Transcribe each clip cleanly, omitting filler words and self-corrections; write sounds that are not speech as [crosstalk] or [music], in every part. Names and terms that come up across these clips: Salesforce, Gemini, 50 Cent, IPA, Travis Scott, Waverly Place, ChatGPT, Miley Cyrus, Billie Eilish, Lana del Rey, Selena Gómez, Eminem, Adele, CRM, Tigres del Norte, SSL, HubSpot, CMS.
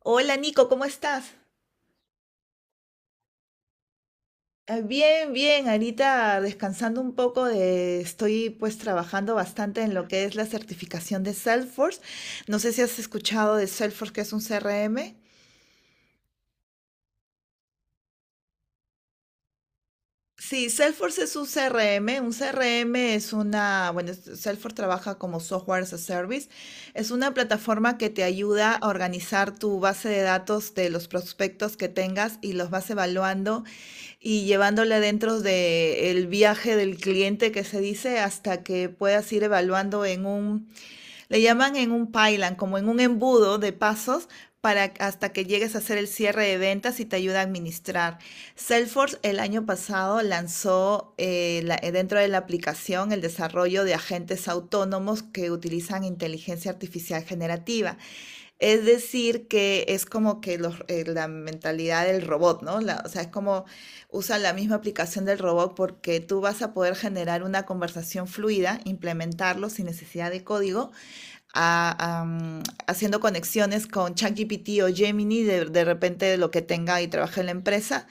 Hola Nico, ¿cómo estás? Bien, bien, ahorita descansando un poco de, estoy pues trabajando bastante en lo que es la certificación de Salesforce. No sé si has escuchado de Salesforce, que es un CRM. Sí, Salesforce es un CRM. Un CRM es una, bueno, Salesforce trabaja como software as a service. Es una plataforma que te ayuda a organizar tu base de datos de los prospectos que tengas y los vas evaluando y llevándola dentro del viaje del cliente que se dice hasta que puedas ir evaluando en un, le llaman en un pylon, como en un embudo de pasos para hasta que llegues a hacer el cierre de ventas y te ayuda a administrar. Salesforce el año pasado lanzó dentro de la aplicación el desarrollo de agentes autónomos que utilizan inteligencia artificial generativa. Es decir, que es como que los, la mentalidad del robot, ¿no? O sea, es como usa la misma aplicación del robot porque tú vas a poder generar una conversación fluida, implementarlo sin necesidad de código, a- a, mm, haciendo conexiones con ChatGPT o Gemini, de repente de lo que tenga y trabaje en la empresa,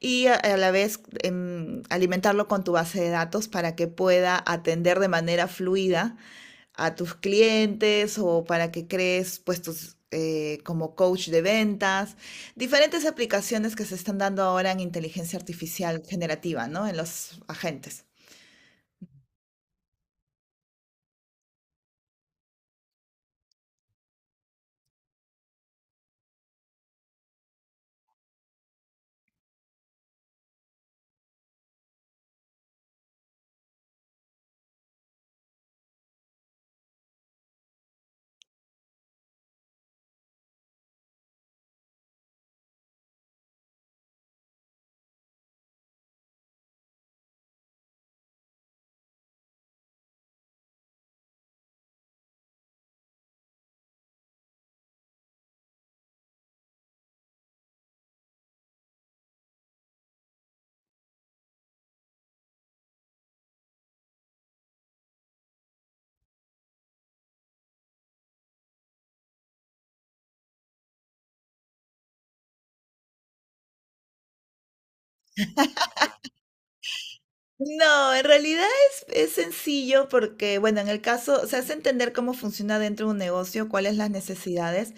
y a la vez alimentarlo con tu base de datos para que pueda atender de manera fluida a tus clientes o para que crees puestos como coach de ventas, diferentes aplicaciones que se están dando ahora en inteligencia artificial generativa, ¿no? En los agentes. No, en realidad es sencillo porque, bueno, en el caso, se hace entender cómo funciona dentro de un negocio, cuáles las necesidades.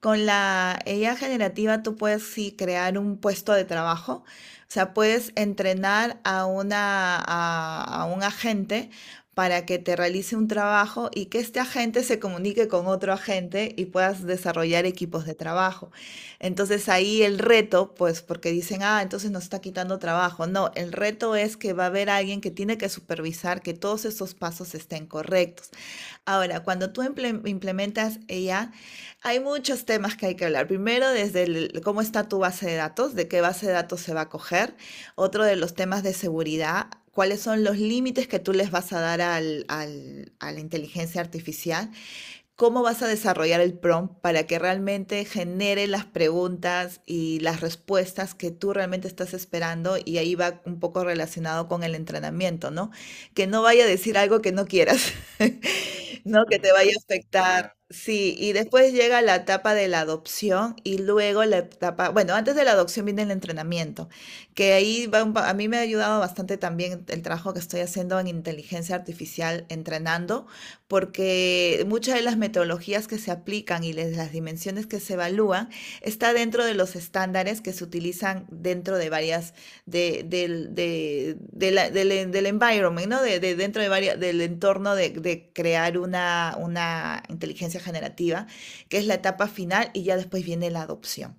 Con la IA generativa tú puedes sí crear un puesto de trabajo, o sea, puedes entrenar a a un agente para que te realice un trabajo y que este agente se comunique con otro agente y puedas desarrollar equipos de trabajo. Entonces ahí el reto, pues porque dicen, ah, entonces nos está quitando trabajo. No, el reto es que va a haber alguien que tiene que supervisar que todos esos pasos estén correctos. Ahora, cuando tú implementas ella, hay muchos temas que hay que hablar. Primero, cómo está tu base de datos, de qué base de datos se va a coger. Otro de los temas de seguridad, cuáles son los límites que tú les vas a dar a la inteligencia artificial, cómo vas a desarrollar el prompt para que realmente genere las preguntas y las respuestas que tú realmente estás esperando, y ahí va un poco relacionado con el entrenamiento, ¿no? Que no vaya a decir algo que no quieras, [laughs] ¿no? Que te vaya a afectar. Claro. Sí, y después llega la etapa de la adopción y luego la etapa, bueno, antes de la adopción viene el entrenamiento, que ahí va a mí me ha ayudado bastante también el trabajo que estoy haciendo en inteligencia artificial entrenando, porque muchas de las metodologías que se aplican y las dimensiones que se evalúan está dentro de los estándares que se utilizan dentro de varias, de, del, de la- del, del environment, ¿no? Dentro de varias, del entorno de crear una inteligencia generativa, que es la etapa final y ya después viene la adopción.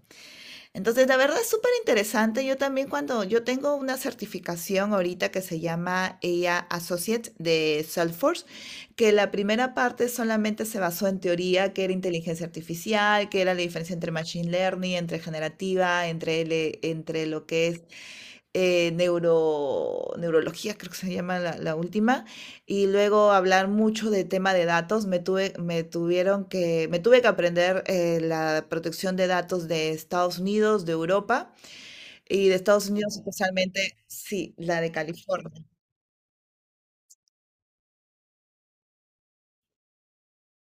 Entonces, la verdad es súper interesante. Yo también cuando yo tengo una certificación ahorita que se llama ella Associate de Salesforce, que la primera parte solamente se basó en teoría, que era inteligencia artificial, que era la diferencia entre machine learning, entre generativa, entre lo que es neurología, creo que se llama la última, y luego hablar mucho de tema de datos. Me tuve que aprender la protección de datos de Estados Unidos, de Europa y de Estados Unidos especialmente, sí, la de California.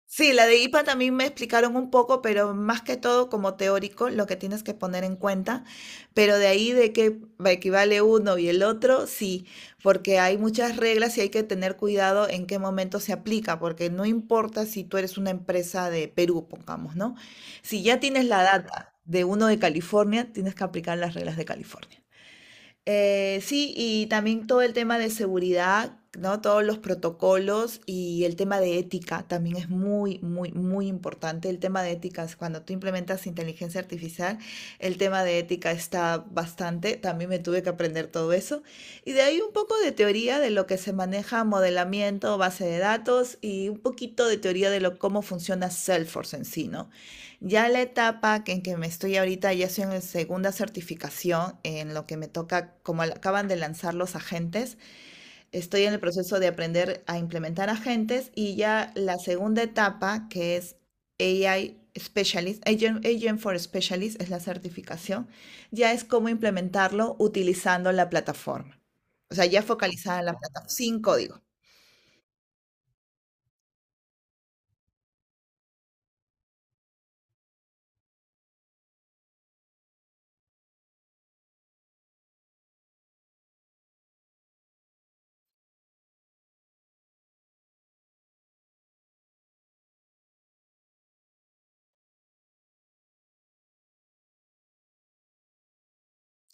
Sí, la de IPA también me explicaron un poco, pero más que todo como teórico, lo que tienes que poner en cuenta. Pero de ahí de que equivale uno y el otro, sí, porque hay muchas reglas y hay que tener cuidado en qué momento se aplica, porque no importa si tú eres una empresa de Perú, pongamos, ¿no? Si ya tienes la data de uno de California, tienes que aplicar las reglas de California. Sí, y también todo el tema de seguridad, ¿no? Todos los protocolos y el tema de ética también es muy, muy, muy importante. El tema de ética, es cuando tú implementas inteligencia artificial, el tema de ética está bastante. También me tuve que aprender todo eso. Y de ahí un poco de teoría de lo que se maneja modelamiento, base de datos y un poquito de teoría de lo, cómo funciona Salesforce en sí, ¿no? Ya la etapa que en que me estoy ahorita, ya estoy en la segunda certificación, en lo que me toca, como acaban de lanzar los agentes, estoy en el proceso de aprender a implementar agentes y ya la segunda etapa, que es AI Specialist, Agent, Agent for Specialist, es la certificación, ya es cómo implementarlo utilizando la plataforma. O sea, ya focalizada en la plataforma, sin código.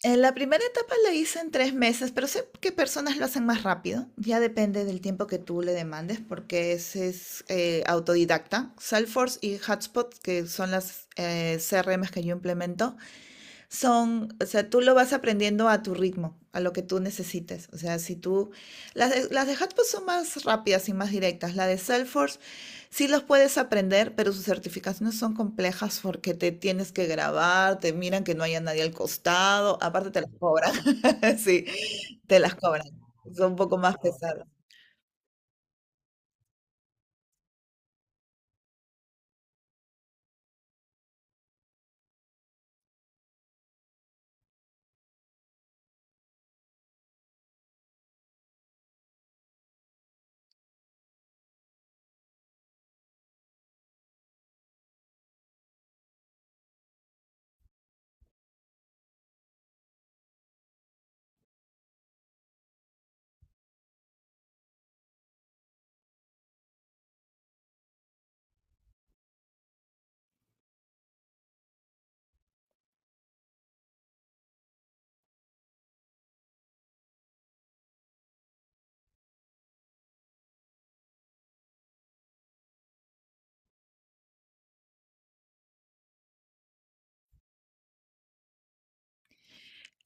La primera etapa la hice en tres meses, pero sé que personas lo hacen más rápido. Ya depende del tiempo que tú le demandes, porque ese es autodidacta. Salesforce y Hotspot, que son las CRMs que yo implemento, son, o sea, tú lo vas aprendiendo a tu ritmo, a lo que tú necesites. O sea, si tú, las de Hotpot son más rápidas y más directas. La de Salesforce sí los puedes aprender, pero sus certificaciones son complejas porque te tienes que grabar, te miran que no haya nadie al costado, aparte te las cobran. [laughs] Sí, te las cobran. Son un poco más pesadas.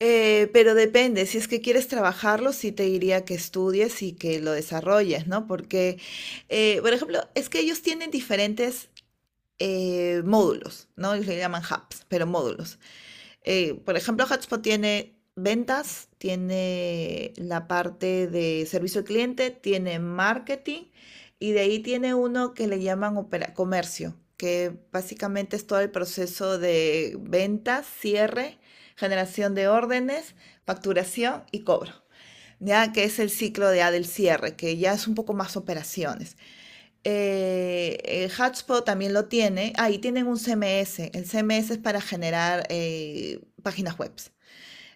Pero depende, si es que quieres trabajarlo, sí te diría que estudies y que lo desarrolles, ¿no? Por ejemplo, es que ellos tienen diferentes módulos, ¿no? Ellos le llaman hubs, pero módulos. Por ejemplo, Hotspot tiene ventas, tiene la parte de servicio al cliente, tiene marketing y de ahí tiene uno que le llaman comercio, que básicamente es todo el proceso de ventas, cierre, generación de órdenes, facturación y cobro. Ya que es el ciclo de A del cierre, que ya es un poco más operaciones. HubSpot también lo tiene. Ahí tienen un CMS. El CMS es para generar páginas web.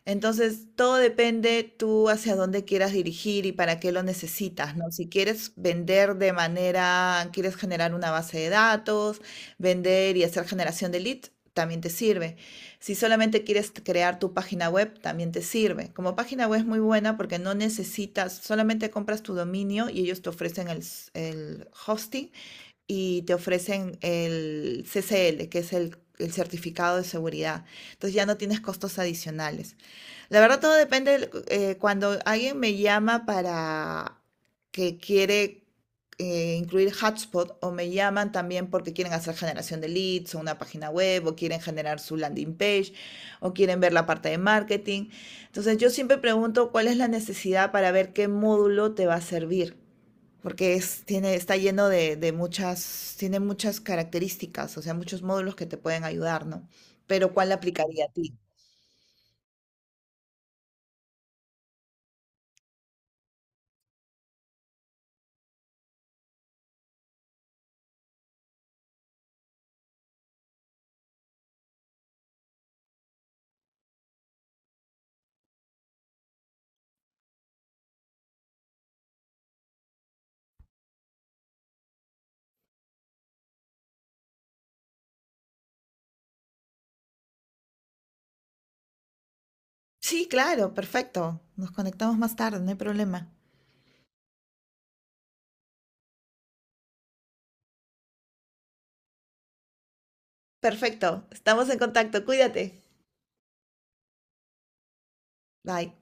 Entonces, todo depende tú hacia dónde quieras dirigir y para qué lo necesitas, ¿no? Si quieres vender de manera, quieres generar una base de datos, vender y hacer generación de leads, también te sirve. Si solamente quieres crear tu página web, también te sirve. Como página web es muy buena porque no necesitas, solamente compras tu dominio y ellos te ofrecen el hosting y te ofrecen el CCL, que es el certificado de seguridad. Entonces ya no tienes costos adicionales. La verdad todo depende, cuando alguien me llama para que quiere incluir hotspot o me llaman también porque quieren hacer generación de leads o una página web o quieren generar su landing page o quieren ver la parte de marketing. Entonces yo siempre pregunto cuál es la necesidad para ver qué módulo te va a servir porque tiene, está lleno muchas, tiene muchas características, o sea, muchos módulos que te pueden ayudar, ¿no? Pero ¿cuál aplicaría a ti? Sí, claro, perfecto. Nos conectamos más tarde, no hay problema. Perfecto, estamos en contacto, cuídate. Bye.